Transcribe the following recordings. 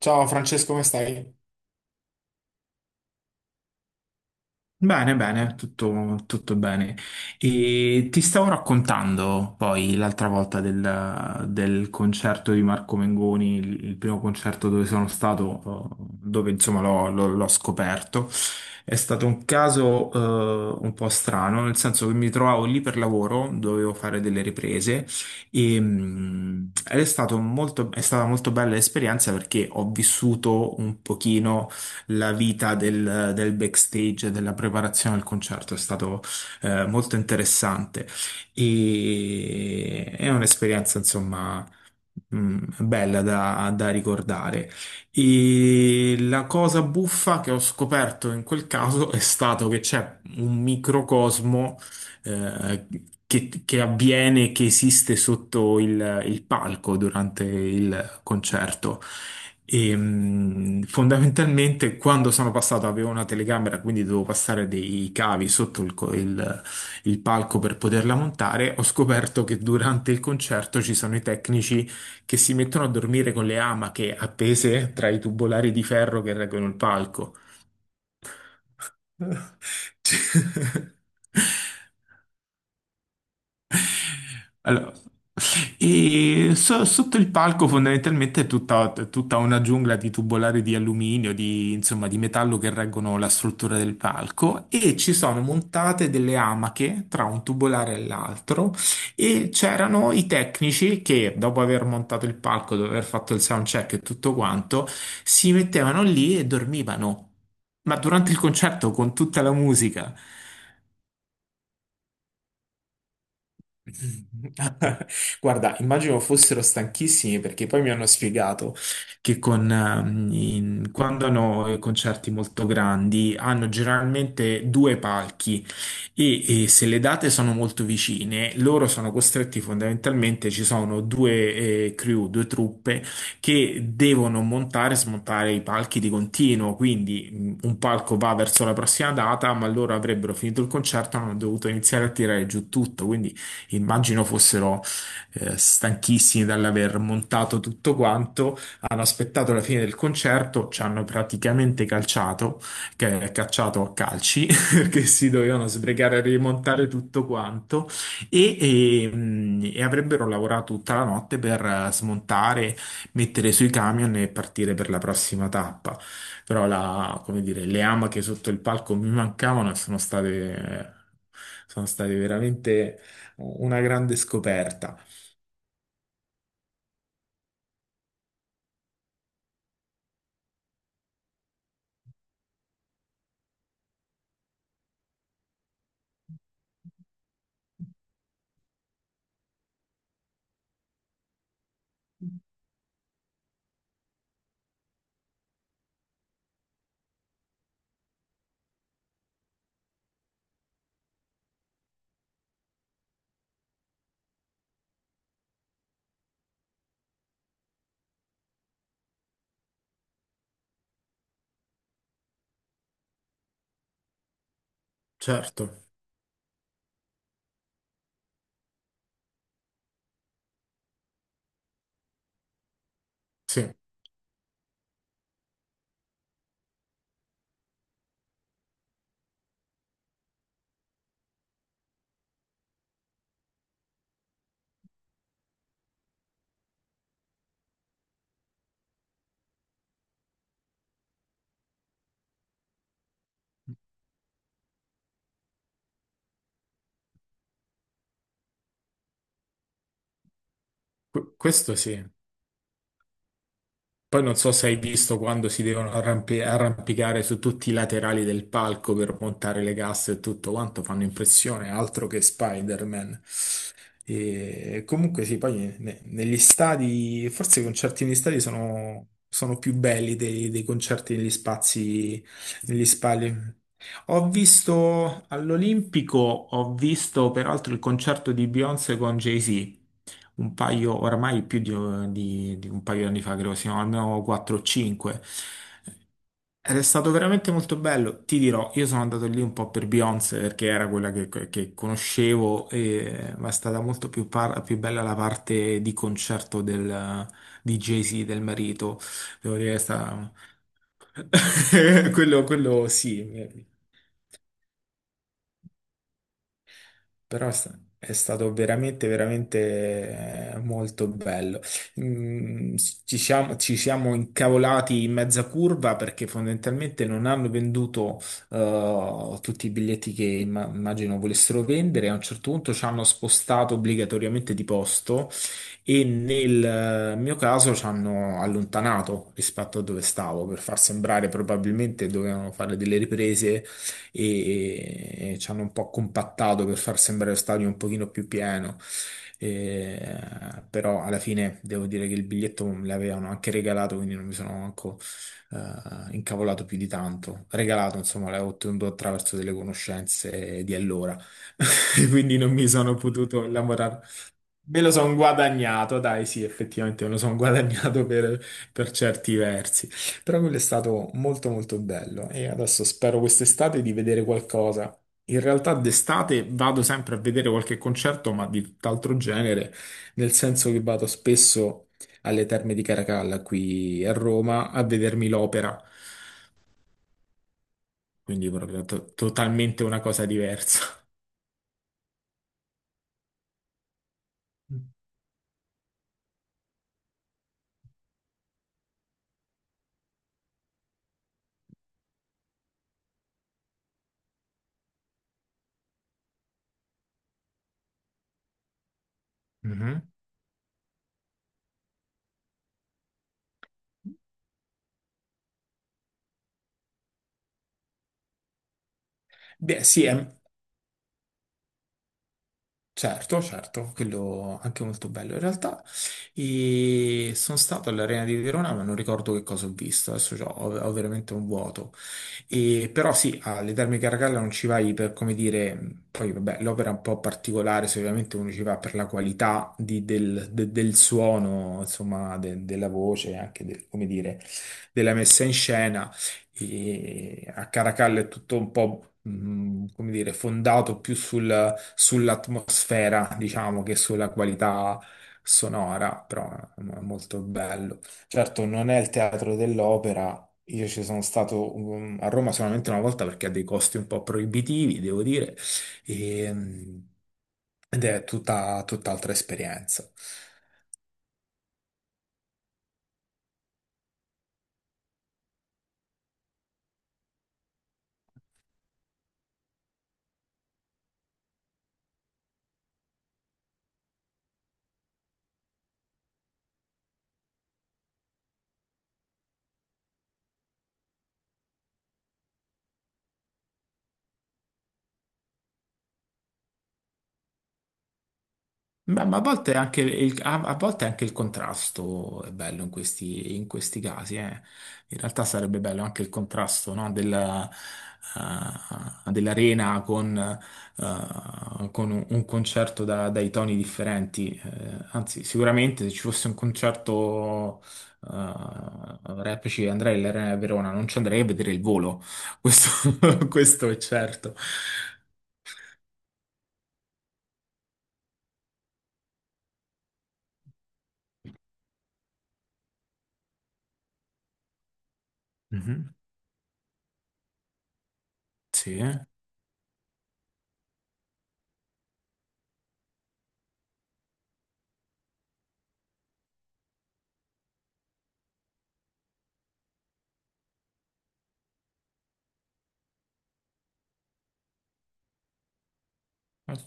Ciao Francesco, come stai? Bene, bene, tutto bene. E ti stavo raccontando poi l'altra volta del concerto di Marco Mengoni, il primo concerto dove sono stato, dove insomma l'ho scoperto. È stato un caso, un po' strano, nel senso che mi trovavo lì per lavoro, dovevo fare delle riprese ed è stato è stata molto bella l'esperienza perché ho vissuto un pochino la vita del backstage, della preparazione al concerto, è stato molto interessante e è un'esperienza, insomma, mm, bella da ricordare. E la cosa buffa che ho scoperto in quel caso è stato che c'è un microcosmo eh, che avviene, che esiste sotto il palco durante il concerto. Fondamentalmente, quando sono passato, avevo una telecamera, quindi dovevo passare dei cavi sotto il palco per poterla montare. Ho scoperto che durante il concerto ci sono i tecnici che si mettono a dormire con le amache appese tra i tubolari di ferro che reggono il palco. Cioè, allora, sotto il palco fondamentalmente è tutta una giungla di tubolari di alluminio, di, insomma, di metallo che reggono la struttura del palco e ci sono montate delle amache tra un tubolare e l'altro e c'erano i tecnici che dopo aver montato il palco, dopo aver fatto il sound check e tutto quanto, si mettevano lì e dormivano. Ma durante il concerto con tutta la musica. Guarda, immagino fossero stanchissimi perché poi mi hanno spiegato che quando hanno concerti molto grandi hanno generalmente due palchi e se le date sono molto vicine, loro sono costretti fondamentalmente, ci sono due crew, due truppe che devono montare e smontare i palchi di continuo, quindi un palco va verso la prossima data, ma loro avrebbero finito il concerto e hanno dovuto iniziare a tirare giù tutto, quindi immagino fossero stanchissimi dall'aver montato tutto quanto, hanno aspettato la fine del concerto, ci hanno praticamente calciato, che è cacciato a calci perché si dovevano sbrigare a rimontare tutto quanto e avrebbero lavorato tutta la notte per smontare, mettere sui camion e partire per la prossima tappa. Però come dire, le amache sotto il palco mi mancavano e sono state veramente una grande scoperta. Certo, sì, questo sì. Poi non so se hai visto quando si devono arrampicare su tutti i laterali del palco per montare le casse e tutto quanto, fanno impressione, altro che Spider-Man. E comunque sì, poi negli stadi, forse i concerti negli stadi sono più belli dei concerti negli spazi, negli spazi. Ho visto all'Olimpico, ho visto peraltro il concerto di Beyoncé con Jay-Z, un paio, oramai più di, di un paio di anni fa, credo, siamo almeno 4 o 5. Ed è stato veramente molto bello. Ti dirò, io sono andato lì un po' per Beyoncé perché era quella che conoscevo, e- ma è stata molto più, più bella la parte di concerto di Jay-Z, del marito. Devo dire che è stata... quello sì. Però è stato veramente, veramente molto bello. Mm, ci siamo incavolati in mezza curva perché fondamentalmente non hanno venduto tutti i biglietti che immagino volessero vendere. A un certo punto ci hanno spostato obbligatoriamente di posto e nel mio caso ci hanno allontanato rispetto a dove stavo per far sembrare probabilmente dovevano fare delle riprese e ci hanno un po' compattato per far sembrare lo stadio un pochino più pieno. E- Però alla fine devo dire che il biglietto me l'avevano anche regalato, quindi non mi sono manco incavolato più di tanto. Regalato, insomma, l'avevo ottenuto attraverso delle conoscenze di allora, quindi non mi sono potuto innamorare. Me lo sono guadagnato, dai, sì, effettivamente me lo sono guadagnato per certi versi, però quello è stato molto molto bello e adesso spero quest'estate di vedere qualcosa. In realtà d'estate vado sempre a vedere qualche concerto, ma di tutt'altro genere, nel senso che vado spesso alle Terme di Caracalla qui a Roma a vedermi l'opera, quindi proprio totalmente una cosa diversa. Mhm. Beh, sì, è certo, certo, quello anche molto bello in realtà. E sono stato all'Arena di Verona, ma non ricordo che cosa ho visto, adesso ho, ho veramente un vuoto. E, però sì, alle Terme Caracalla non ci vai per, come dire, poi vabbè, l'opera è un po' particolare, se ovviamente uno ci va per la qualità del suono, insomma, della voce, anche come dire, della messa in scena. E a Caracalla è tutto un po', come dire, fondato più sull'atmosfera, diciamo, che sulla qualità sonora, però è molto bello. Certo, non è il teatro dell'opera, io ci sono stato a Roma solamente una volta perché ha dei costi un po' proibitivi, devo dire, e, mm, ed è tutta, tutt'altra esperienza. Ma a volte anche a volte anche il contrasto è bello in questi casi, eh. In realtà sarebbe bello anche il contrasto, no, della, dell'arena con un concerto dai toni differenti. Anzi, sicuramente se ci fosse un concerto rap ci andrei all'Arena di Verona, non ci andrei a vedere il volo. Questo, questo è certo. Mhm. Sì,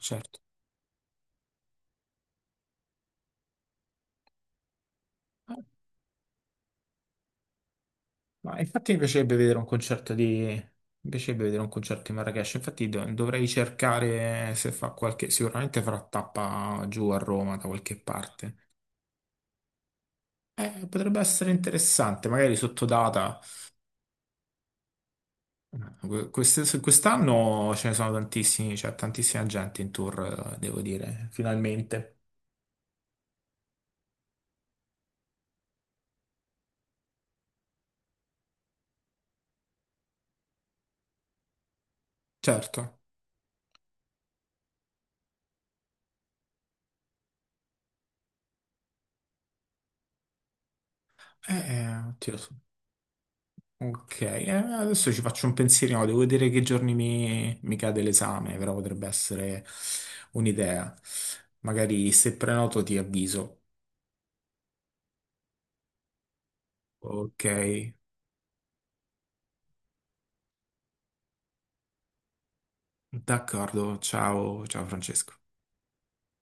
certo. Ma infatti mi piacerebbe vedere un concerto di... mi piacerebbe vedere un concerto di Marrakesh, infatti dovrei cercare se fa qualche... sicuramente farà tappa giù a Roma da qualche parte. Potrebbe essere interessante, magari sotto data. Quest'anno ce ne sono tantissimi, c'è tantissima gente in tour, devo dire, finalmente. Certo. Oddio, ok, adesso ci faccio un pensierino, devo vedere che giorni mi cade l'esame, però potrebbe essere un'idea. Magari se prenoto ti avviso. Ok, d'accordo, ciao, ciao Francesco.